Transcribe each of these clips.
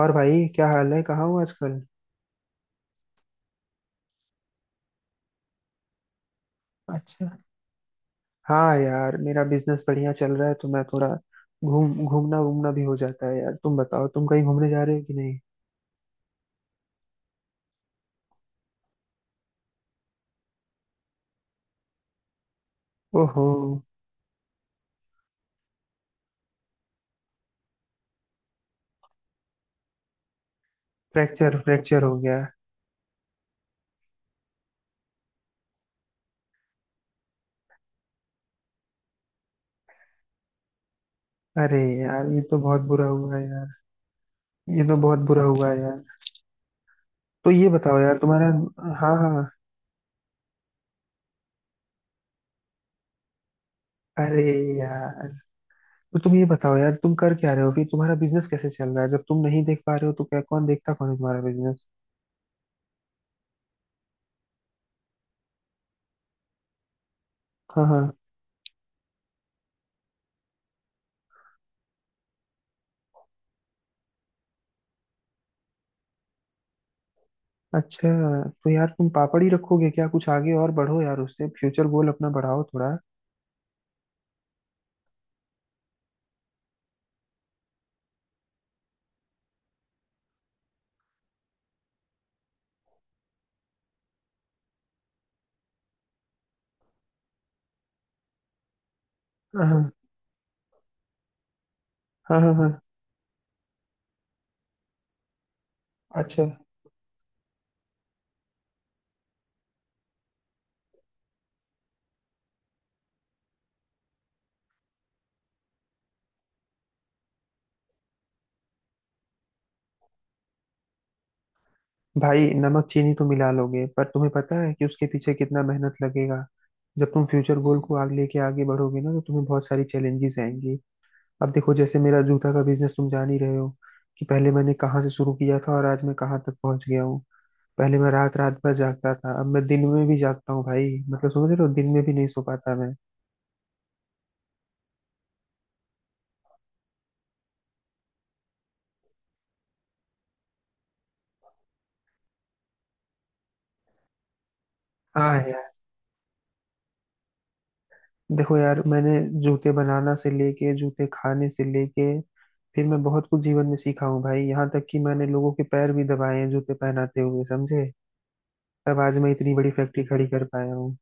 और भाई क्या हाल है कहाँ हो आजकल। अच्छा। हाँ यार मेरा बिजनेस बढ़िया चल रहा है तो मैं थोड़ा घूम घूमना वूमना भी हो जाता है। यार तुम बताओ तुम कहीं घूमने जा रहे हो कि नहीं। ओहो। फ्रैक्चर फ्रैक्चर हो गया। अरे यार ये तो बहुत बुरा हुआ है यार। ये तो बहुत बुरा हुआ है यार। तो ये बताओ यार तुम्हारा। हाँ हाँ। अरे यार। तो तुम ये बताओ यार तुम कर क्या रहे हो फिर तुम्हारा बिजनेस कैसे चल रहा है जब तुम नहीं देख पा रहे हो तो क्या कौन देखता कौन है तुम्हारा बिजनेस। हाँ हाँ। अच्छा। तो यार तुम पापड़ ही रखोगे क्या, कुछ आगे और बढ़ो यार, उससे फ्यूचर गोल अपना बढ़ाओ थोड़ा। हाँ हाँ हाँ हाँ। अच्छा। भाई नमक चीनी तो मिला लोगे पर तुम्हें पता है कि उसके पीछे कितना मेहनत लगेगा। जब तुम फ्यूचर गोल को आगे लेके आगे बढ़ोगे ना तो तुम्हें बहुत सारी चैलेंजेस आएंगी। अब देखो जैसे मेरा जूता का बिजनेस तुम जान ही रहे हो कि पहले मैंने कहाँ से शुरू किया था और आज मैं कहाँ तक पहुंच गया हूँ। पहले मैं रात रात भर जागता था, अब मैं दिन में भी जागता हूँ भाई, मतलब समझ रहे हो, दिन में भी नहीं सो पाता मैं। हाँ। देखो यार मैंने जूते बनाना से लेके जूते खाने से लेके फिर मैं बहुत कुछ जीवन में सीखा हूँ भाई, यहाँ तक कि मैंने लोगों के पैर भी दबाए हैं जूते पहनाते हुए, समझे। तब आज मैं इतनी बड़ी फैक्ट्री खड़ी कर पाया हूँ।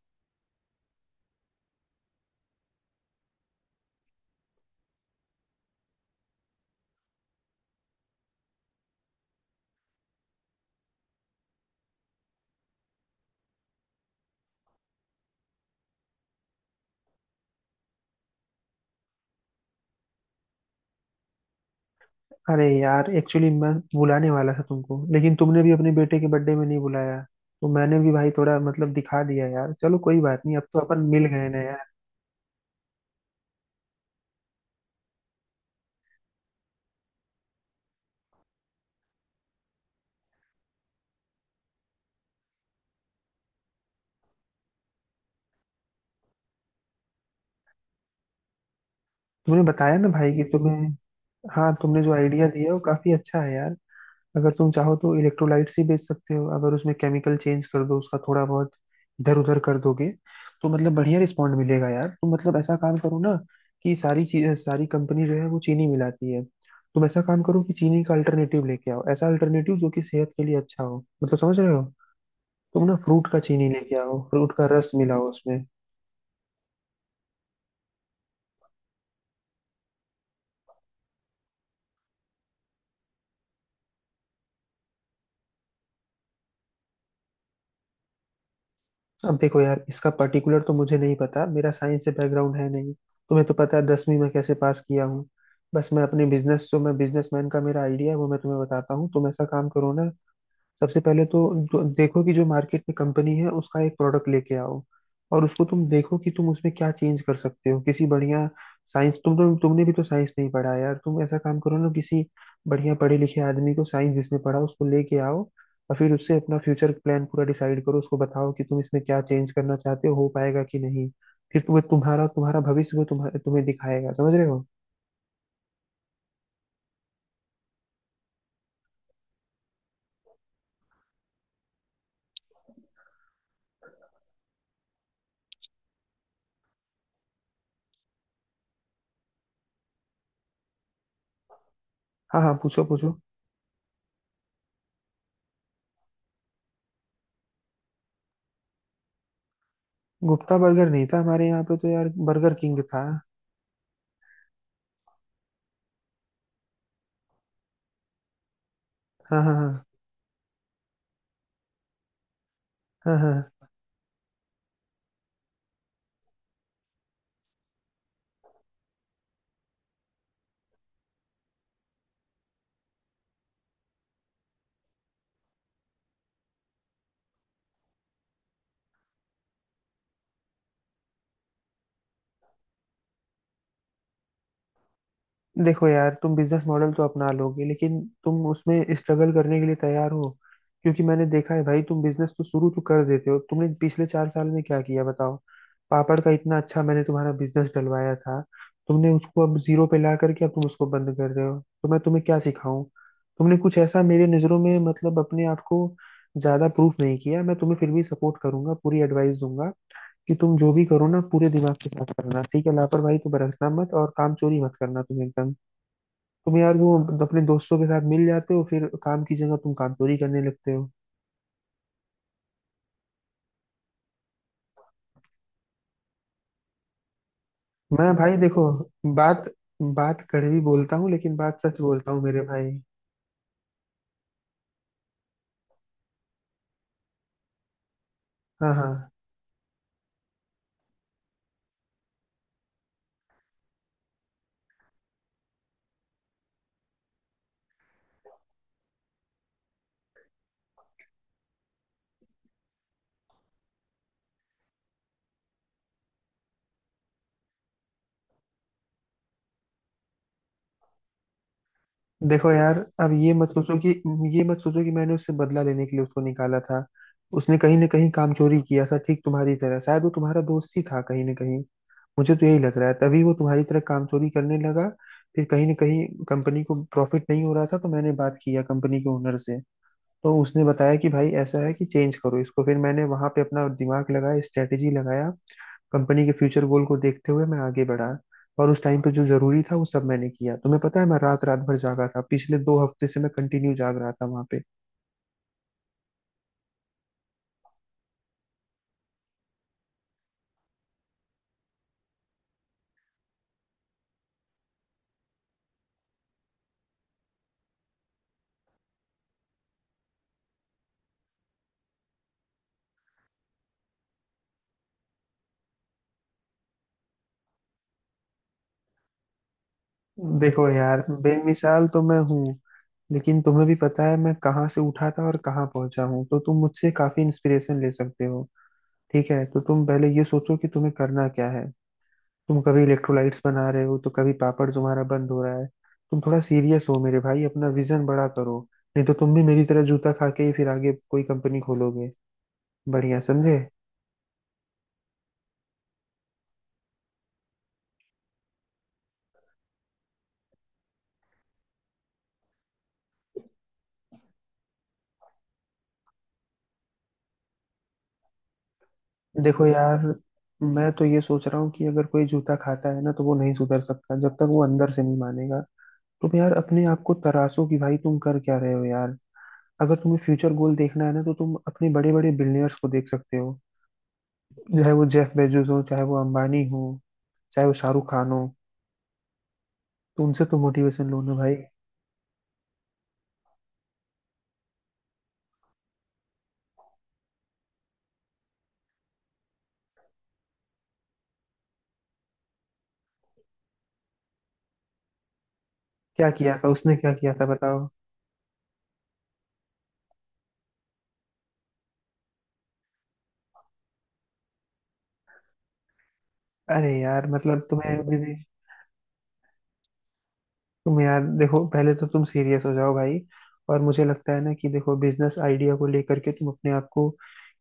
अरे यार, एक्चुअली मैं बुलाने वाला था तुमको, लेकिन तुमने भी अपने बेटे के बर्थडे में नहीं बुलाया। तो मैंने भी भाई थोड़ा मतलब दिखा दिया यार, चलो कोई बात नहीं, अब तो अपन मिल गए ना यार। तुमने बताया ना भाई कि तुम्हें। हाँ, तुमने जो आइडिया दिया वो काफी अच्छा है यार। अगर तुम चाहो तो इलेक्ट्रोलाइट्स ही बेच सकते हो, अगर उसमें केमिकल चेंज कर दो, उसका थोड़ा बहुत इधर उधर कर दोगे तो मतलब बढ़िया रिस्पॉन्ड मिलेगा यार। तुम मतलब ऐसा काम करो ना, कि सारी चीज सारी कंपनी जो है वो चीनी मिलाती है। तुम ऐसा काम करो कि चीनी का अल्टरनेटिव लेके आओ, ऐसा अल्टरनेटिव जो कि सेहत के लिए अच्छा हो, मतलब समझ रहे हो। तुम ना फ्रूट का चीनी लेके आओ, फ्रूट का रस मिलाओ उसमें। अब देखो यार इसका पर्टिकुलर तो मुझे नहीं पता, मेरा साइंस से बैकग्राउंड है नहीं। तुम्हें तो पता है दसवीं में कैसे पास किया हूँ। बस मैं अपने बिजनेस, जो मैं बिजनेसमैन, का मेरा आइडिया है वो मैं तुम्हें बताता हूँ, तुम ऐसा काम करो ना। सबसे पहले तो देखो कि जो मार्केट में कंपनी है उसका एक प्रोडक्ट लेके आओ। और उसको तुम देखो कि तुम उसमें क्या चेंज कर सकते हो किसी बढ़िया साइंस। तुम तो तुमने भी तो साइंस नहीं पढ़ा है यार, तुम ऐसा काम करो ना, किसी बढ़िया पढ़े लिखे आदमी को, साइंस जिसने पढ़ा, उसको लेके आओ। और फिर उससे अपना फ्यूचर प्लान पूरा डिसाइड करो, उसको बताओ कि तुम इसमें क्या चेंज करना चाहते हो पाएगा कि नहीं। फिर तुम्हें तुम्हारा तुम्हारा भविष्य वो तुम्हें तुम्हें दिखाएगा, समझ रहे हो। हाँ हाँ, पूछो पूछो। गुप्ता बर्गर नहीं था हमारे यहाँ पे, तो यार बर्गर किंग था। हाँ हाँ हाँ हाँ हाँ। देखो यार तुम बिजनेस मॉडल तो अपना लोगे, लेकिन तुम उसमें स्ट्रगल करने के लिए तैयार हो। क्योंकि मैंने देखा है भाई, तुम बिजनेस तो शुरू तो कर देते हो, तुमने पिछले चार साल में क्या किया बताओ। पापड़ का इतना अच्छा मैंने तुम्हारा बिजनेस डलवाया था। तुमने उसको अब जीरो पे ला करके अब तुम उसको बंद कर रहे हो, तो मैं तुम्हें क्या सिखाऊं। तुमने कुछ ऐसा मेरे नज़रों में मतलब अपने आप को ज्यादा प्रूफ नहीं किया, मैं तुम्हें फिर भी सपोर्ट करूंगा, पूरी एडवाइस दूंगा। कि तुम जो भी करो ना पूरे दिमाग के साथ करना, ठीक है, लापरवाही तो बरतना मत, और काम चोरी मत करना, तुम एकदम। तुम यार वो अपने दोस्तों के साथ मिल जाते हो, फिर काम की जगह तुम काम चोरी करने लगते हो। मैं भाई देखो, बात बात कड़वी बोलता हूँ लेकिन बात सच बोलता हूँ मेरे भाई। हाँ हाँ। देखो यार, अब ये मत सोचो कि ये मत सोचो कि मैंने उससे बदला लेने के लिए उसको निकाला था। उसने कहीं ना कहीं काम चोरी किया था, ठीक तुम्हारी तरह, शायद वो तुम्हारा दोस्त ही था कहीं ना कहीं। मुझे तो यही लग रहा है, तभी वो तुम्हारी तरह काम चोरी करने लगा। फिर कहीं ना कहीं कंपनी को प्रॉफिट नहीं हो रहा था, तो मैंने बात किया कंपनी के ओनर से। तो उसने बताया कि भाई ऐसा है कि चेंज करो इसको, फिर मैंने वहां पे अपना दिमाग लगाया, स्ट्रेटेजी लगाया। कंपनी के फ्यूचर गोल को देखते हुए मैं आगे बढ़ा। और उस टाइम पे जो जरूरी था वो सब मैंने किया, तुम्हें पता है मैं रात रात भर जागा था, पिछले दो हफ्ते से मैं कंटिन्यू जाग रहा था वहां पे। देखो यार बेमिसाल तो मैं हूँ। लेकिन तुम्हें भी पता है मैं कहाँ से उठा था और कहाँ पहुंचा हूँ, तो तुम मुझसे काफी इंस्पिरेशन ले सकते हो। ठीक है, तो तुम पहले ये सोचो कि तुम्हें करना क्या है। तुम कभी इलेक्ट्रोलाइट्स बना रहे हो तो कभी पापड़ तुम्हारा बंद हो रहा है। तुम थोड़ा सीरियस हो मेरे भाई, अपना विजन बड़ा करो। नहीं तो तुम भी मेरी तरह जूता खा के ही फिर आगे कोई कंपनी खोलोगे। बढ़िया, समझे। देखो यार मैं तो ये सोच रहा हूँ कि अगर कोई जूता खाता है ना तो वो नहीं सुधर सकता, जब तक वो अंदर से नहीं मानेगा। तुम यार अपने आप को तराशो कि भाई तुम कर क्या रहे हो यार। अगर तुम्हें फ्यूचर गोल देखना है ना तो तुम अपने बड़े बड़े बिलियनर्स को देख सकते हो। चाहे वो जेफ बेजोस हो, चाहे वो अंबानी हो, चाहे वो शाहरुख खान हो, तुमसे तो मोटिवेशन लूं ना भाई। क्या किया था उसने, क्या किया था बताओ। अरे यार मतलब तुम्हें अभी भी। तुम यार देखो, पहले तो तुम सीरियस हो जाओ भाई। और मुझे लगता है ना कि देखो, बिजनेस आइडिया को लेकर के तुम अपने आप को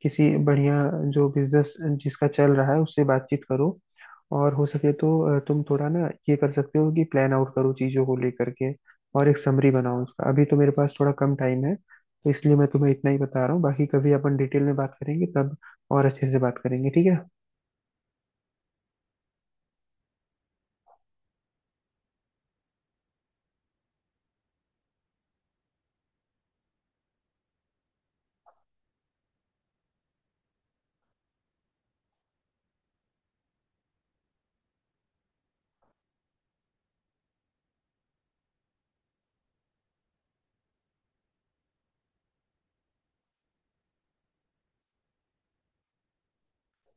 किसी बढ़िया, जो बिजनेस जिसका चल रहा है उससे बातचीत करो। और हो सके तो तुम थोड़ा ना ये कर सकते हो कि प्लान आउट करो चीजों को लेकर के। और एक समरी बनाओ उसका, अभी तो मेरे पास थोड़ा कम टाइम है तो इसलिए मैं तुम्हें इतना ही बता रहा हूँ, बाकी कभी अपन डिटेल में बात करेंगे, तब और अच्छे से बात करेंगे, ठीक है।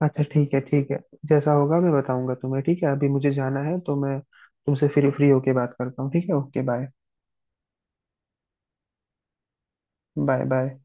अच्छा ठीक है ठीक है। जैसा होगा मैं बताऊंगा तुम्हें, ठीक है, अभी मुझे जाना है तो मैं तुमसे फिर फ्री होके बात करता हूँ, ठीक है, ओके बाय। Bye bye.